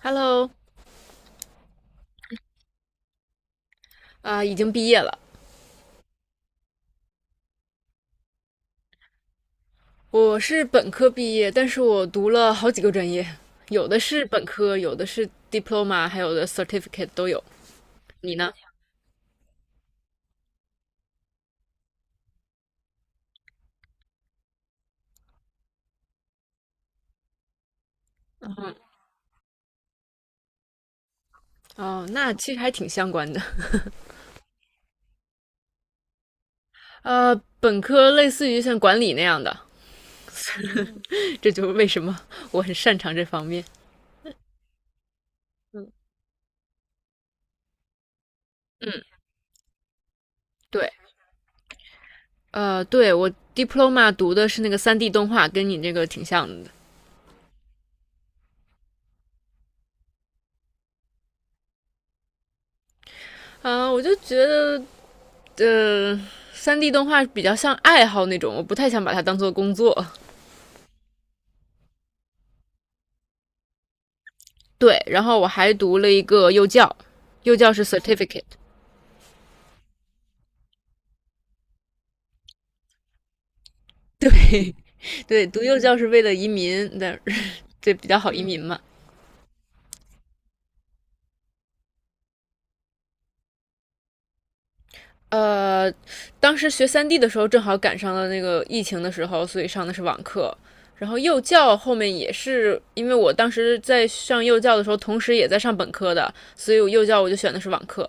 Hello，已经毕业了。我是本科毕业，但是我读了好几个专业，有的是本科，有的是 diploma，还有的 certificate 都有。你呢？嗯，哦，那其实还挺相关的。本科类似于像管理那样的，这就是为什么我很擅长这方面。嗯，对，对我 diploma 读的是那个3D 动画，跟你这个挺像的。我就觉得，三 d 动画比较像爱好那种，我不太想把它当做工作。对，然后我还读了一个幼教，幼教是 certificate，对，读幼教是为了移民，的，对比较好移民嘛。呃，当时学三 D 的时候正好赶上了那个疫情的时候，所以上的是网课。然后幼教后面也是，因为我当时在上幼教的时候，同时也在上本科的，所以我幼教我就选的是网课。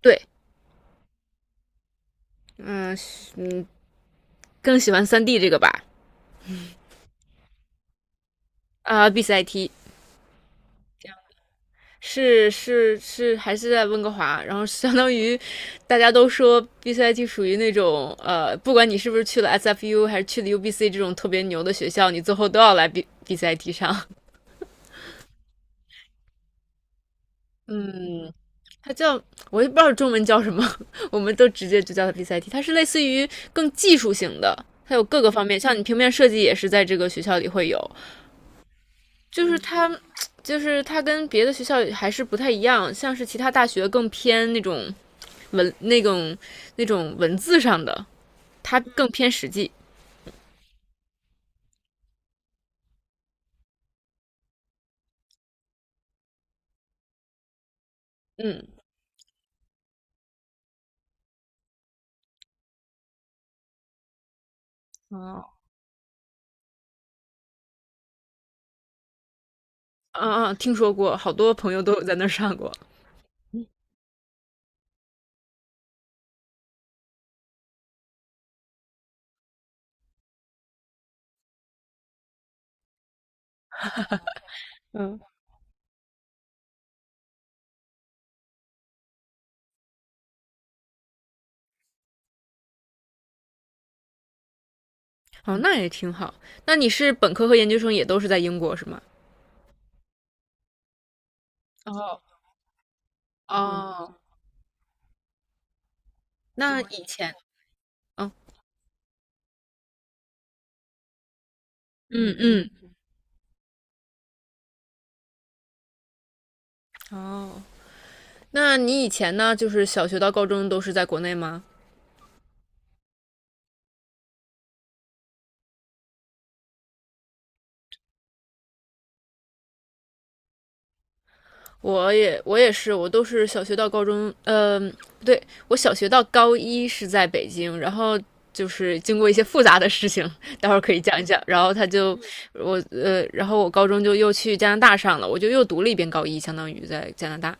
对，嗯嗯，更喜欢三 D 这个吧，BCIT 是是是，还是在温哥华，然后相当于大家都说 BCIT 属于那种，不管你是不是去了 SFU 还是去了 UBC 这种特别牛的学校，你最后都要来 BCIT 上。嗯，它叫，我也不知道中文叫什么，我们都直接就叫它 BCIT。它是类似于更技术型的，它有各个方面，像你平面设计也是在这个学校里会有，就是它。就是它跟别的学校还是不太一样，像是其他大学更偏那种文那种那种文字上的，它更偏实际。嗯哦，啊啊，听说过，好多朋友都有在那儿上过。哦，那也挺好。那你是本科和研究生也都是在英国是吗？哦，哦，那以哦，嗯嗯，哦，那你以前呢，就是小学到高中都是在国内吗？我也是，我都是小学到高中，不对，我小学到高一是在北京，然后就是经过一些复杂的事情，待会儿可以讲一讲。然后他就然后我高中就又去加拿大上了，我就又读了一遍高一，相当于在加拿大。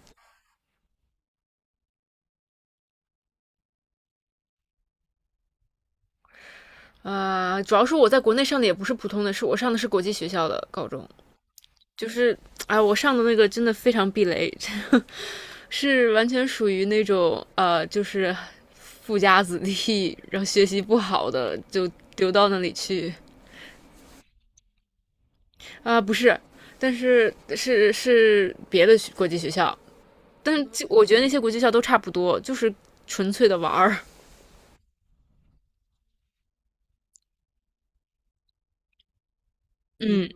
主要是我在国内上的也不是普通的，是我上的是国际学校的高中，就是哎，我上的那个真的非常避雷，是完全属于那种就是富家子弟，然后学习不好的就丢到那里去。不是，但是是别的国际学校，但是就我觉得那些国际学校都差不多，就是纯粹的玩儿。嗯，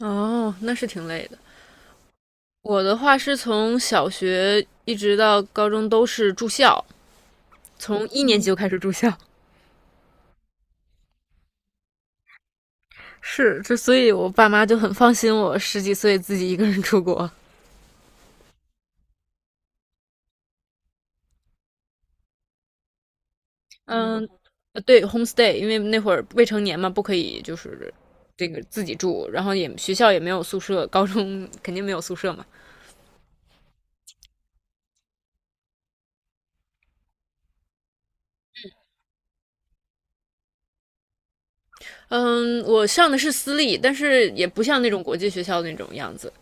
哦，那是挺累的。我的话是从小学一直到高中都是住校，从一年级就开始住校。是，所以我爸妈就很放心我十几岁自己一个人出国。嗯，对，homestay，因为那会儿未成年嘛，不可以就是这个自己住，然后也学校也没有宿舍，高中肯定没有宿舍嘛。嗯，我上的是私立，但是也不像那种国际学校那种样子。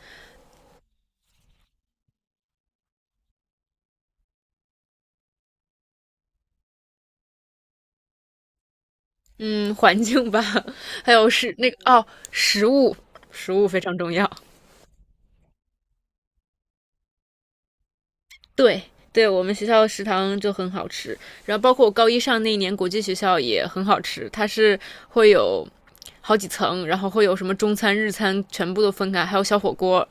嗯，环境吧，还有是那个哦，食物，食物非常重要。对对，我们学校食堂就很好吃，然后包括我高一上那一年国际学校也很好吃，它是会有好几层，然后会有什么中餐、日餐全部都分开，还有小火锅。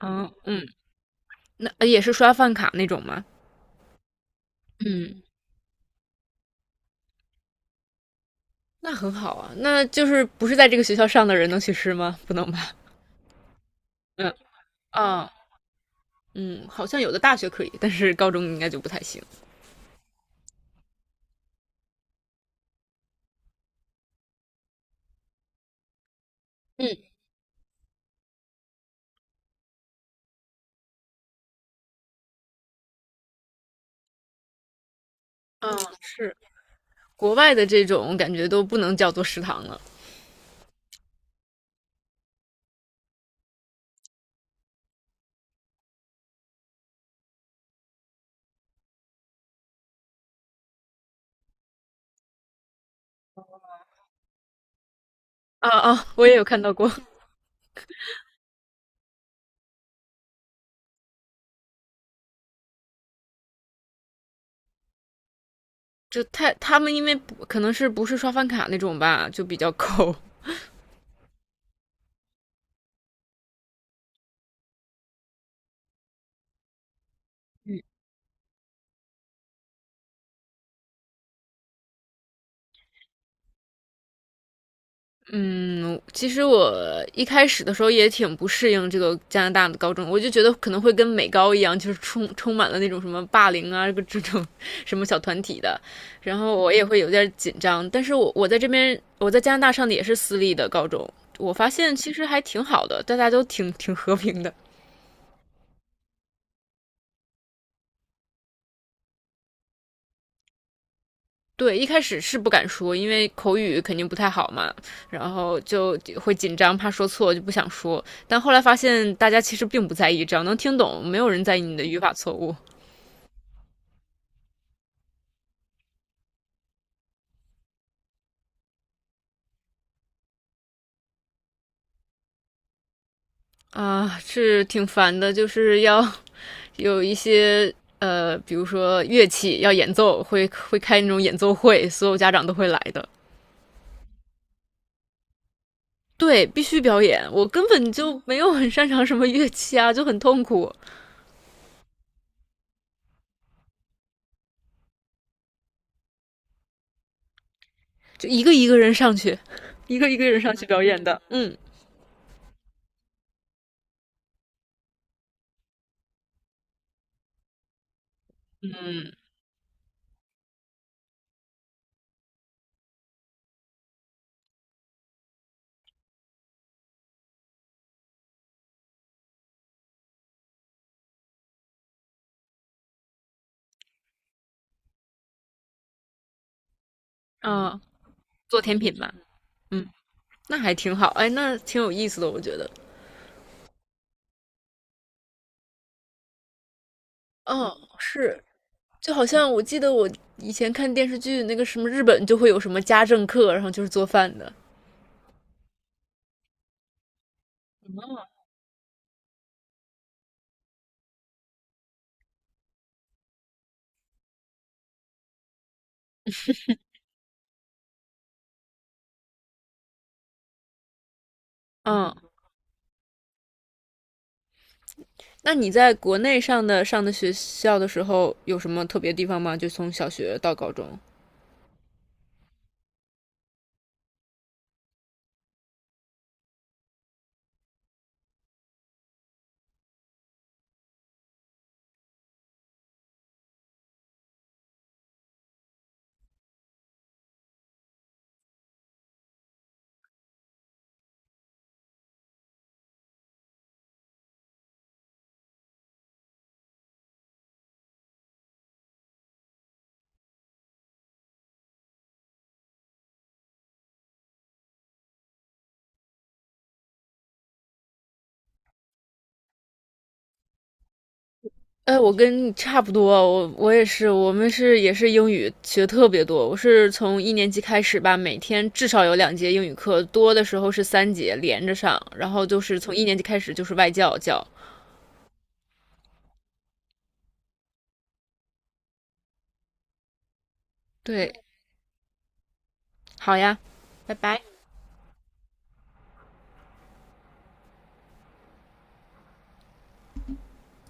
嗯嗯，那也是刷饭卡那种吗？嗯，那很好啊，那就是不是在这个学校上的人能去吃吗？不能吧？嗯，啊，嗯，好像有的大学可以，但是高中应该就不太行。嗯嗯，是国外的这种感觉都不能叫做食堂了。啊啊，我也有看到过。就他们因为可能是不是刷饭卡那种吧，就比较抠。嗯，其实我一开始的时候也挺不适应这个加拿大的高中，我就觉得可能会跟美高一样，就是充满了那种什么霸凌啊，这种什么小团体的，然后我也会有点紧张。但是我在这边我在加拿大上的也是私立的高中，我发现其实还挺好的，大家都挺和平的。对，一开始是不敢说，因为口语肯定不太好嘛，然后就会紧张，怕说错，就不想说。但后来发现大家其实并不在意，只要能听懂，没有人在意你的语法错误。啊，是挺烦的。就是要有一些比如说乐器要演奏，会开那种演奏会，所有家长都会来的。对，必须表演，我根本就没有很擅长什么乐器啊，就很痛苦，就一个一个人上去，一个一个人上去表演的，嗯。啊、做甜品吧，嗯，那还挺好，哎，那挺有意思的，我觉得。哦，是，就好像我记得我以前看电视剧，那个什么日本就会有什么家政课，然后就是做饭的。嗯，那你在国内上的学校的时候，有什么特别地方吗？就从小学到高中。哎，我跟你差不多，我也是，我们是也是英语学特别多。我是从一年级开始吧，每天至少有2节英语课，多的时候是3节连着上，然后就是从一年级开始就是外教教。对，好呀，拜拜。